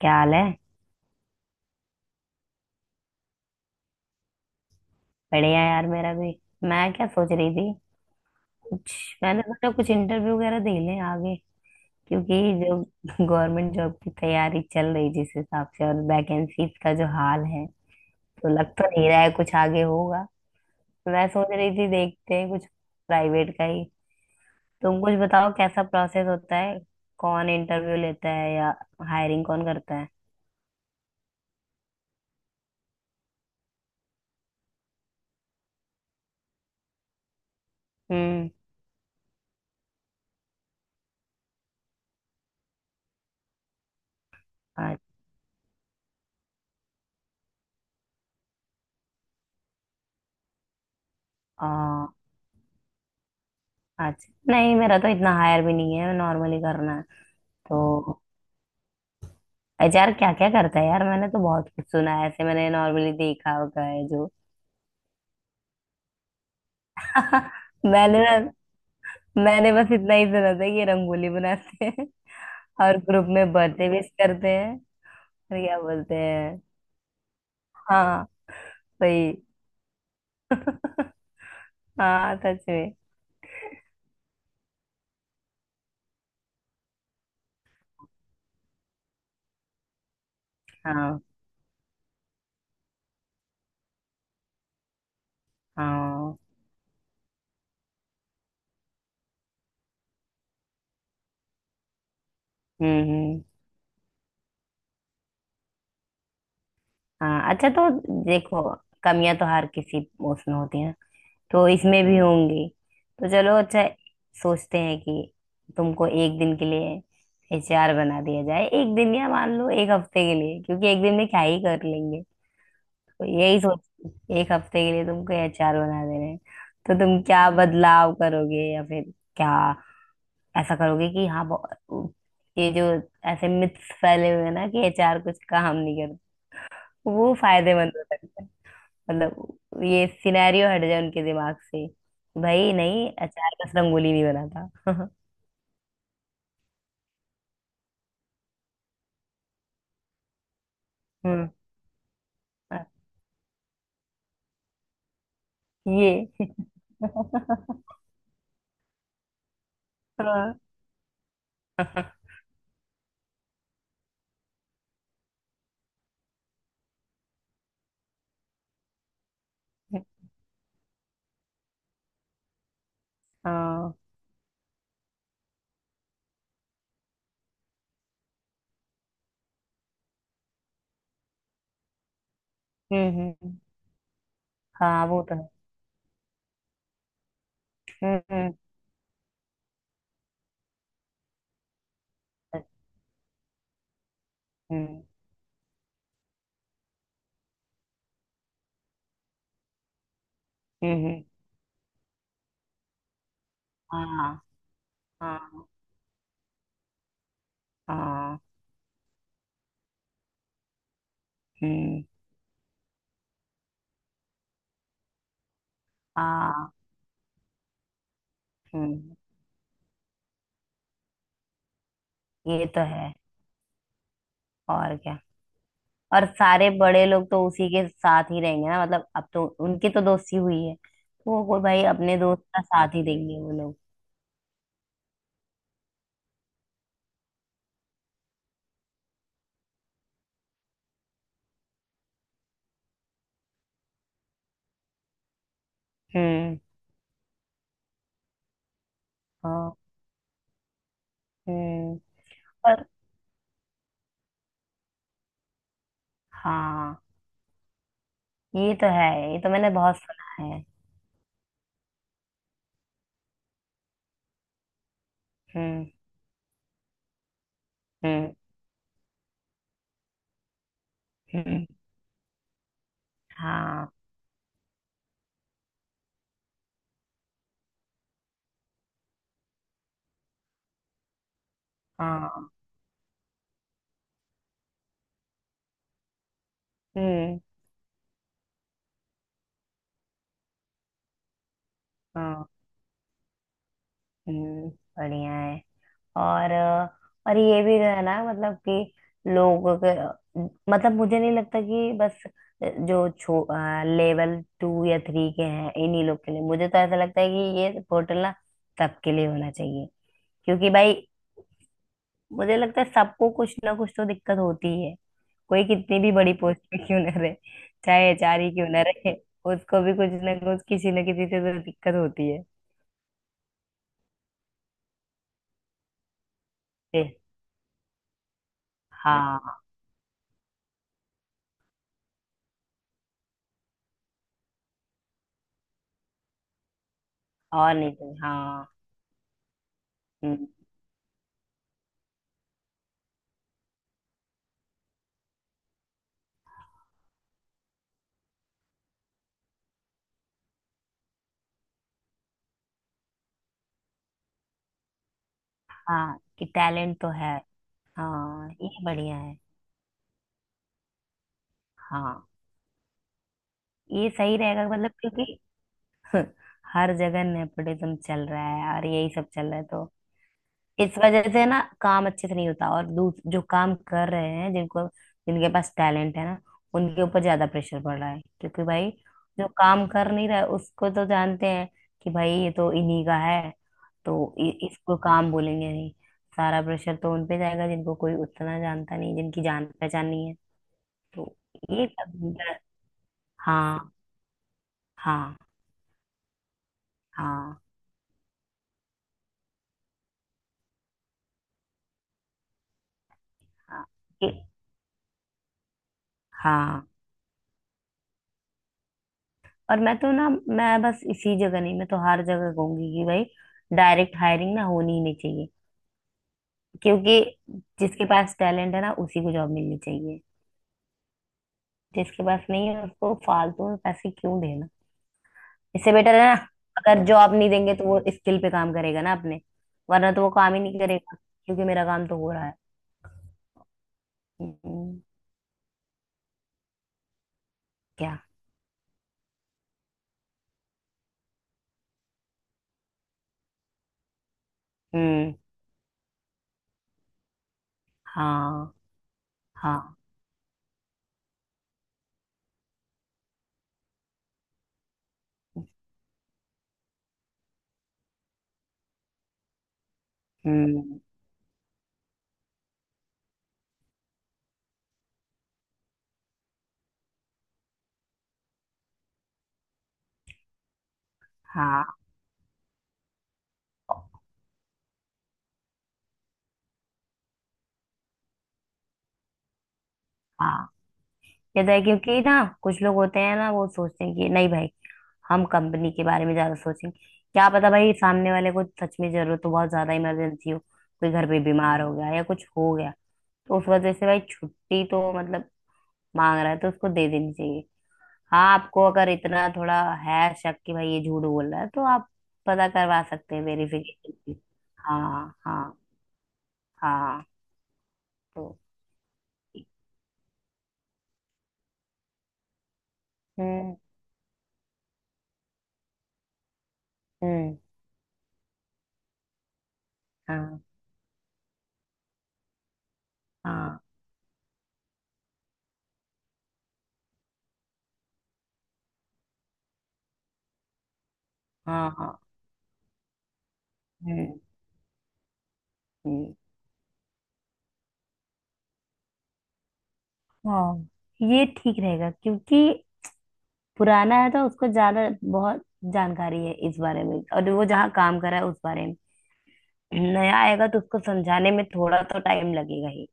क्या हाल है। बढ़िया यार मेरा भी। मैं क्या सोच रही थी। कुछ। मैंने सोचा कुछ इंटरव्यू वगैरह दे लें आगे। क्योंकि जो गवर्नमेंट जॉब की तैयारी चल रही जिस हिसाब से और वैकेंसीज का जो हाल है, तो लग तो नहीं रहा है कुछ आगे होगा। मैं सोच रही थी देखते हैं कुछ प्राइवेट का ही। तुम कुछ बताओ कैसा प्रोसेस होता है। कौन इंटरव्यू लेता है, या हायरिंग कौन करता है। हम्म। अच्छा। आ, अच्छा, नहीं मेरा तो इतना हायर भी नहीं है, नॉर्मली करना है। तो एचआर क्या क्या करता है यार, मैंने तो बहुत कुछ सुना है, ऐसे मैंने नॉर्मली देखा होगा है जो। मैंने ना मैंने बस इतना ही सुना था कि ये रंगोली बनाते हैं और ग्रुप में बर्थडे विश करते हैं। और क्या बोलते हैं। हाँ सही। हाँ सच में। हाँ, हाँ। हम्म, हम्म। हाँ, अच्छा तो देखो, कमियां तो हर किसी उसमें होती है, तो इसमें भी होंगी। तो चलो अच्छा, सोचते हैं कि तुमको एक दिन के लिए एचआर बना दिया जाए, एक दिन या मान लो एक हफ्ते के लिए, क्योंकि एक दिन में क्या ही कर लेंगे। तो यही सोच, एक हफ्ते के लिए तुमको एचआर बना दे रहे हैं, तो तुम क्या बदलाव करोगे, या फिर क्या ऐसा करोगे कि हाँ ये जो ऐसे मिथ्स फैले हुए हैं ना कि एचआर कुछ काम नहीं करता, वो फायदेमंद हो सकता है। मतलब ये सिनेरियो हट जाए उनके दिमाग से, भाई नहीं, अचार बस रंगोली नहीं बनाता। हम्म। हाँ, ये। हाँ, हाँ। हम्म, हम्म। हाँ वो तो है। हम्म, हम्म, हम्म, हम्म। हाँ, हाँ, हाँ। हम्म। हाँ। हम्म। ये तो है। और क्या। और सारे बड़े लोग तो उसी के साथ ही रहेंगे ना, मतलब अब तो उनकी तो दोस्ती हुई है, तो वो कोई भाई अपने दोस्त का साथ ही देंगे वो लोग। हम्म। ओके। पर हाँ, ये तो है, ये तो मैंने बहुत सुना है। हम्म, हम्म, हम्म। हाँ, हाँ। हम्म। हाँ। हम्म। बढ़िया है। और और ये भी जो है ना, मतलब कि लोगों के, मतलब मुझे नहीं लगता कि बस जो छो लेवल टू या थ्री के हैं इन्हीं लोग के लिए, मुझे तो ऐसा लगता है कि ये पोर्टल ना सबके लिए होना चाहिए। क्योंकि भाई मुझे लगता है सबको कुछ ना कुछ तो दिक्कत होती ही है, कोई कितनी भी बड़ी पोस्ट पे क्यों ना रहे। चाहे एचआर ही क्यों ना रहे, उसको भी कुछ ना कुछ किसी ना किसी से तो दिक्कत होती है। ए, हाँ और नहीं तो हाँ। हम्म, हाँ कि टैलेंट तो है। हाँ, ये बढ़िया है। हाँ, ये सही रहेगा मतलब, क्योंकि हर जगह नेपोटिज्म चल रहा है और यही सब चल रहा है, तो इस वजह से ना काम अच्छे से नहीं होता, और दूस जो काम कर रहे हैं, जिनको जिनके पास टैलेंट है ना, उनके ऊपर ज्यादा प्रेशर पड़ रहा है। क्योंकि भाई जो काम कर नहीं रहा है उसको तो जानते हैं कि भाई ये तो इन्हीं का है, तो इसको काम बोलेंगे नहीं, सारा प्रेशर तो उनपे जाएगा जिनको कोई उतना जानता नहीं, जिनकी जान पहचान नहीं है। तो ये सब। हाँ, हाँ, हाँ, हाँ। ये- हाँ। और मैं तो ना मैं बस इसी जगह नहीं, मैं तो हर जगह कहूंगी कि भाई डायरेक्ट हायरिंग ना होनी ही नहीं चाहिए, क्योंकि जिसके पास टैलेंट है ना उसी को जॉब मिलनी चाहिए। जिसके पास नहीं है उसको फालतू में पैसे क्यों देना। इससे बेटर है ना, अगर जॉब नहीं देंगे तो वो स्किल पे काम करेगा ना अपने, वरना तो वो काम ही नहीं करेगा, क्योंकि मेरा काम तो हो रहा है। हम्म, क्या। हम्म, हाँ, हाँ। हम्म, हाँ, हाँ। ये तो है, क्योंकि ना कुछ लोग होते हैं ना, वो सोचते हैं कि नहीं भाई हम कंपनी के बारे में ज्यादा सोचेंगे। क्या पता भाई सामने वाले को सच में जरूरत हो, बहुत ज्यादा इमरजेंसी हो, कोई घर पे बीमार हो गया, या कुछ हो गया। तो उस वजह से भाई छुट्टी तो मतलब मांग रहा है तो उसको दे देनी चाहिए। हाँ, आपको अगर इतना थोड़ा है शक कि भाई ये झूठ बोल रहा है, तो आप पता करवा सकते हैं, वेरिफिकेशन। हाँ, हाँ, हाँ तो। हम्म, हम्म। हाँ, हाँ, हाँ, हाँ। हम्म, हम्म। हाँ, ये ठीक रहेगा, क्योंकि पुराना है तो उसको ज्यादा बहुत जानकारी है इस बारे में, और वो जहाँ काम कर रहा है उस बारे में। नया आएगा तो उसको समझाने में थोड़ा तो टाइम लगेगा ही।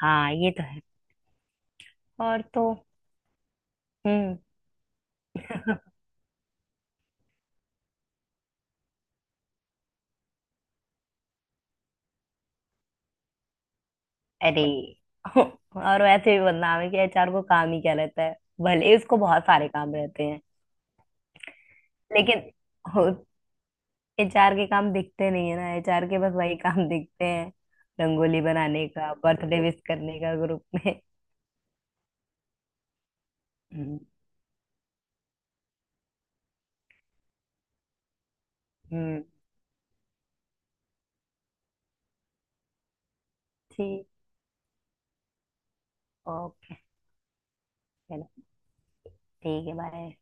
हाँ ये तो है। और तो। हम्म। अरे, और वैसे भी बदनाम है कि एचआर को काम ही क्या रहता है, भले उसको बहुत सारे काम रहते हैं। लेकिन एचआर के काम दिखते नहीं है ना, एचआर के बस वही काम दिखते हैं, रंगोली बनाने का, बर्थडे विश करने का ग्रुप में। हम्म, हम्म। ठीक। ओके। ठीक है, बाय।